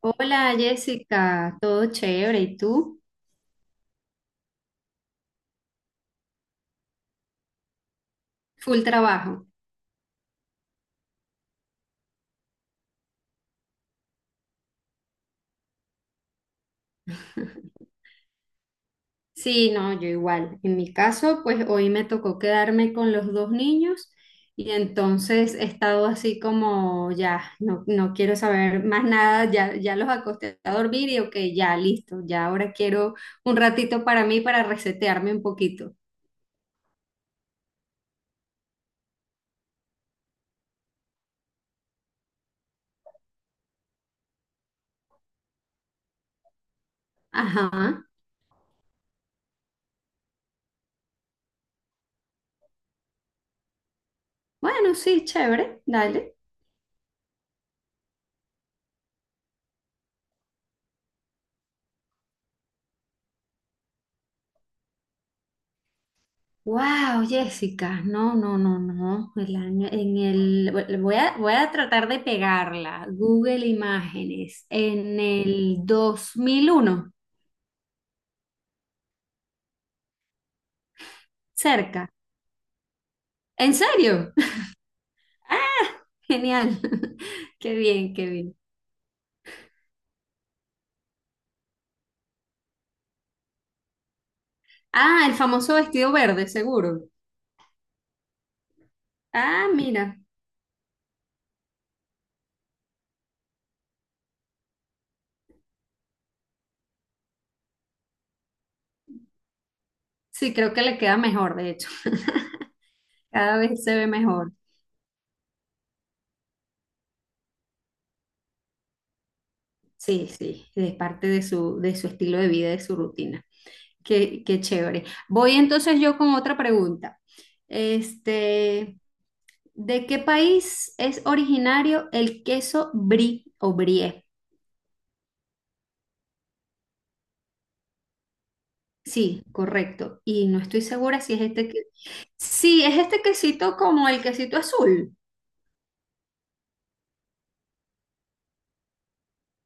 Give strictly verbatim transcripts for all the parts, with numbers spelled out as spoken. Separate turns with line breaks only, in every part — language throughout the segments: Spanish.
Hola Jessica, todo chévere, ¿y tú? Full trabajo. Sí, no, yo igual. En mi caso, pues hoy me tocó quedarme con los dos niños y entonces he estado así como ya, no, no quiero saber más nada, ya, ya los acosté a dormir y ok, ya listo, ya ahora quiero un ratito para mí para resetearme un poquito. Ajá. Bueno, sí, chévere, dale. Wow, Jessica, no, no, no, no. El año, en el, voy a, voy a tratar de pegarla. Google Imágenes, en el dos mil uno, cerca. ¿En serio? Genial. Qué bien, qué bien. Ah, el famoso vestido verde, seguro. Ah, mira. Sí, creo que le queda mejor, de hecho. Cada vez se ve mejor. Sí, sí, es parte de su, de su estilo de vida, de su rutina. Qué, qué chévere. Voy entonces yo con otra pregunta. Este, ¿de qué país es originario el queso brie o brie? Sí, correcto. Y no estoy segura si es este que... Sí, es este quesito como el quesito azul.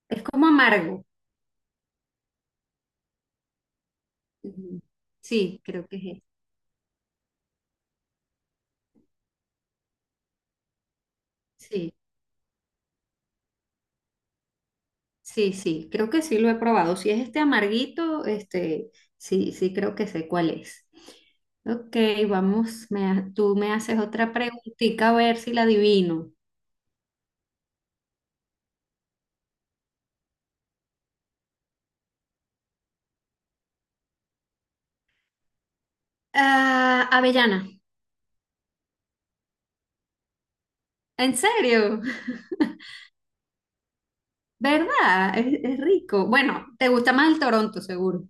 Es como amargo. Ujú. Sí, creo que es este. Sí. Sí, sí, creo que sí lo he probado. Si es este amarguito, este, sí, sí creo que sé cuál es. Ok, vamos, me ha- tú me haces otra preguntita a ver si la adivino. Ah, avellana, ¿en serio? ¿Verdad? Es, es rico. Bueno, te gusta más el Toronto, seguro.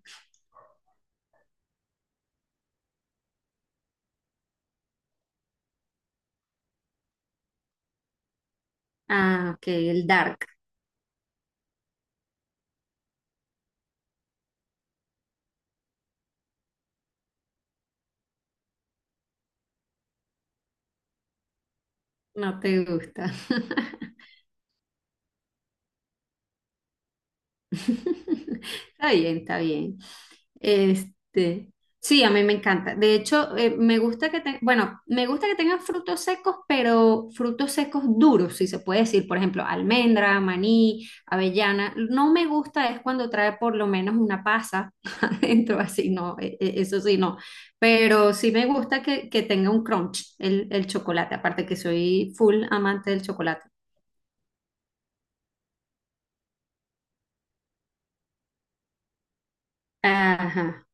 Ah, ok, el dark, no te gusta. Está bien, está bien. Este, sí, a mí me encanta. De hecho, eh, me gusta que te- bueno, me gusta que tengan frutos secos, pero frutos secos duros, si se puede decir. Por ejemplo, almendra, maní, avellana. No me gusta es cuando trae por lo menos una pasa adentro, así no, e- e- eso sí no. Pero sí me gusta que, que tenga un crunch el, el chocolate, aparte que soy full amante del chocolate. Ajá.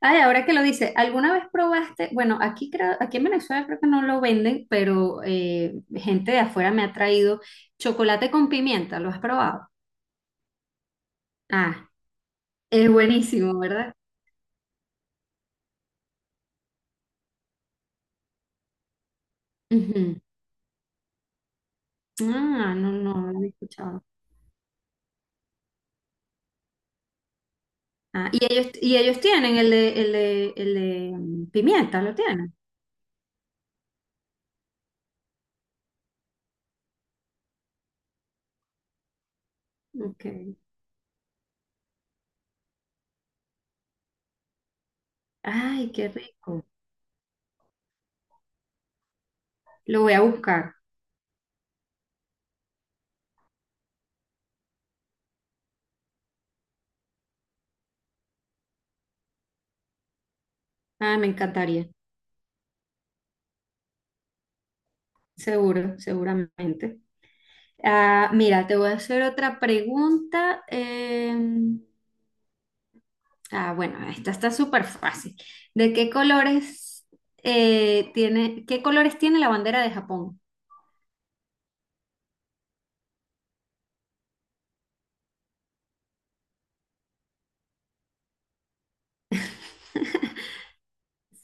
Ay, ahora que lo dice, ¿alguna vez probaste? Bueno, aquí creo, aquí en Venezuela creo que no lo venden, pero eh, gente de afuera me ha traído chocolate con pimienta, ¿lo has probado? Ah, es buenísimo, ¿verdad? Ujú. Ah, no, no, no lo he escuchado. Ah, y ellos, y ellos tienen el de, el de, el de mm, pimienta, ¿lo tienen? Ok. Ay, qué rico. Lo voy a buscar. Ah, me encantaría. Seguro, seguramente. Ah, mira, te voy a hacer otra pregunta. em, ah, bueno, esta está súper fácil. ¿De qué colores eh, tiene, qué colores tiene la bandera de Japón?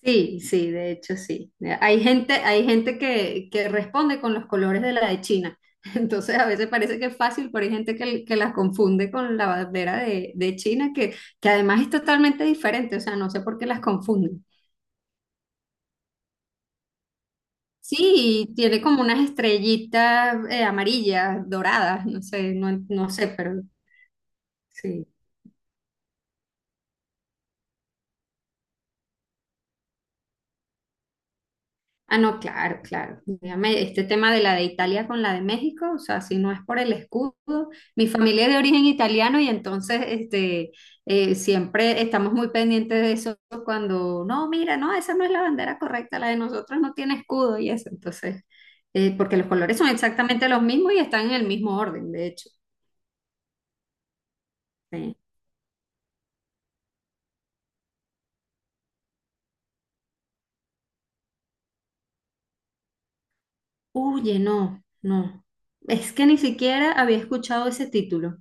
Sí, sí, de hecho sí. Hay gente, hay gente que, que responde con los colores de la de China. Entonces a veces parece que es fácil, pero hay gente que, que las confunde con la bandera de, de China, que, que además es totalmente diferente. O sea, no sé por qué las confunden. Sí, y tiene como unas estrellitas eh, amarillas, doradas, no sé, no, no sé, pero sí. Ah, no, claro, claro. Dígame, este tema de la de Italia con la de México, o sea, si no es por el escudo, mi familia es de origen italiano y entonces este, eh, siempre estamos muy pendientes de eso cuando, no, mira, no, esa no es la bandera correcta, la de nosotros no tiene escudo y eso, entonces, eh, porque los colores son exactamente los mismos y están en el mismo orden, de hecho. Sí. Oye, no, no. Es que ni siquiera había escuchado ese título.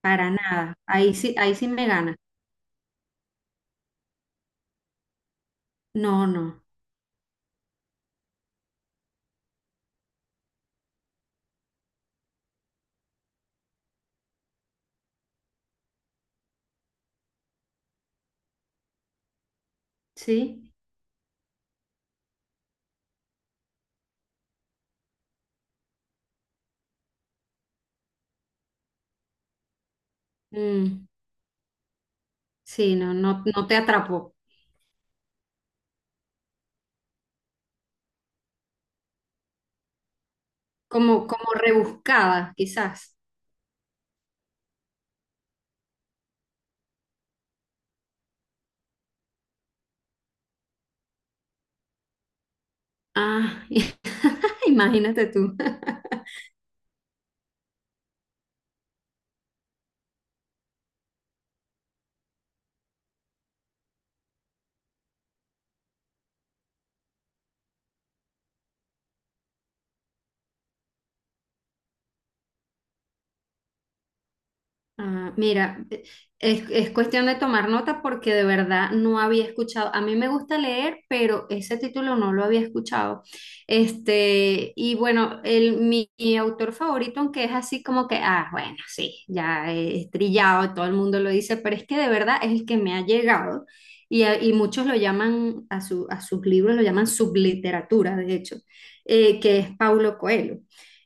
Para nada. Ahí sí, ahí sí me gana. No, no. ¿Sí? Mm, sí, no, no, no te atrapó. Como, como rebuscada, quizás. Ah, imagínate tú. Ah, mira, eh, es, es cuestión de tomar nota porque de verdad no había escuchado. A mí me gusta leer, pero ese título no lo había escuchado. Este, y bueno, el, mi, mi autor favorito, aunque es así como que, ah, bueno, sí, ya es trillado, todo el mundo lo dice, pero es que de verdad es el que me ha llegado y, a- y muchos lo llaman, a, su, a sus libros lo llaman subliteratura, de hecho, eh, que es Paulo Coelho.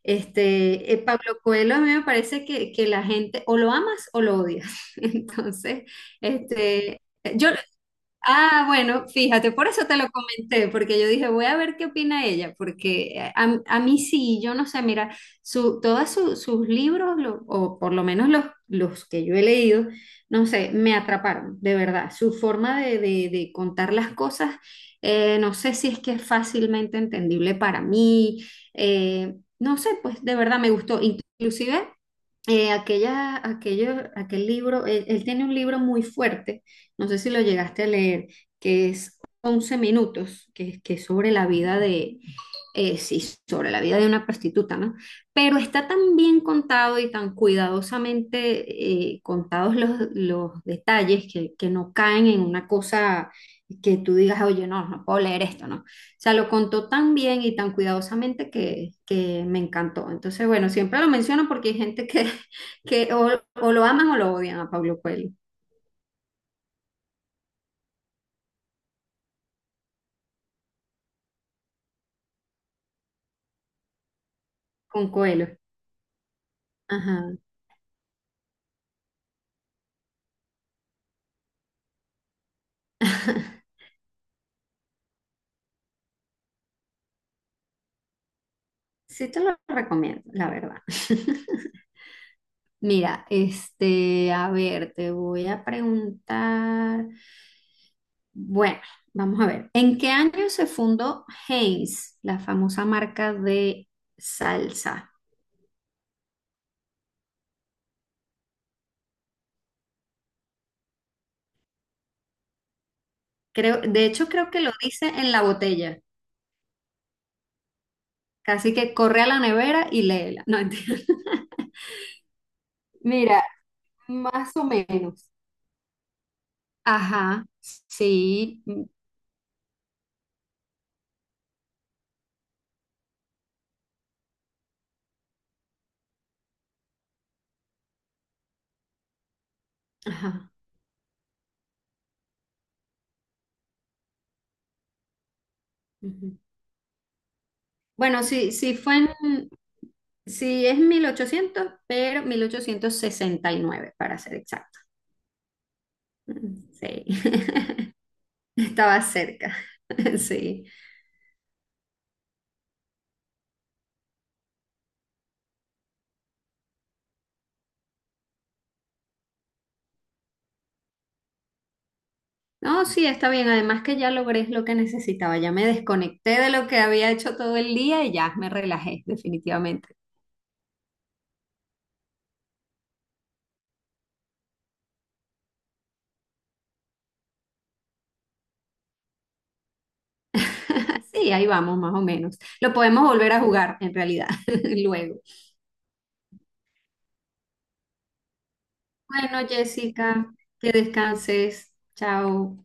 Este, eh, Pablo Coelho a mí me parece que, que la gente o lo amas o lo odias. Entonces, este, yo, ah, bueno, fíjate, por eso te lo comenté, porque yo dije, voy a ver qué opina ella, porque a, a mí sí, yo no sé, mira, su, todos su- sus libros, lo- o por lo menos los, los que yo he leído, no sé, me atraparon, de verdad. Su forma de, de- de contar las cosas, eh, no sé si es que es fácilmente entendible para mí, eh, no sé, pues de verdad me gustó. Inclusive eh, aquella, aquello, aquel libro, él, él tiene un libro muy fuerte, no sé si lo llegaste a leer, que es once minutos, que, que es sobre la vida de, eh, sí, sobre la vida de una prostituta, ¿no? Pero está tan bien contado y tan cuidadosamente eh, contados los, los detalles que, que no caen en una cosa que tú digas, oye, no, no puedo leer esto, ¿no? O sea, lo contó tan bien y tan cuidadosamente que, que me encantó. Entonces, bueno, siempre lo menciono porque hay gente que, que o, o lo aman o lo odian a Pablo Coelho, con Coelho. Ajá. Sí te lo recomiendo, la verdad. Mira, este, a ver, te voy a preguntar. Bueno, vamos a ver. ¿En qué año se fundó Heinz, la famosa marca de salsa? Creo, de hecho, creo que lo dice en la botella. Casi que corre a la nevera y léela. No entiendo. Mira, más o menos. Ajá, sí, mm, ajá. Ujú. Bueno, sí, sí fue en, sí es mil ochocientos, pero mil ochocientos sesenta y nueve para ser exacto. Sí, estaba cerca. Sí. No, sí, está bien. Además que ya logré lo que necesitaba. Ya me desconecté de lo que había hecho todo el día y ya me relajé, definitivamente. Sí, ahí vamos, más o menos. Lo podemos volver a jugar, en realidad, luego. Bueno, Jessica, que descanses. Chao.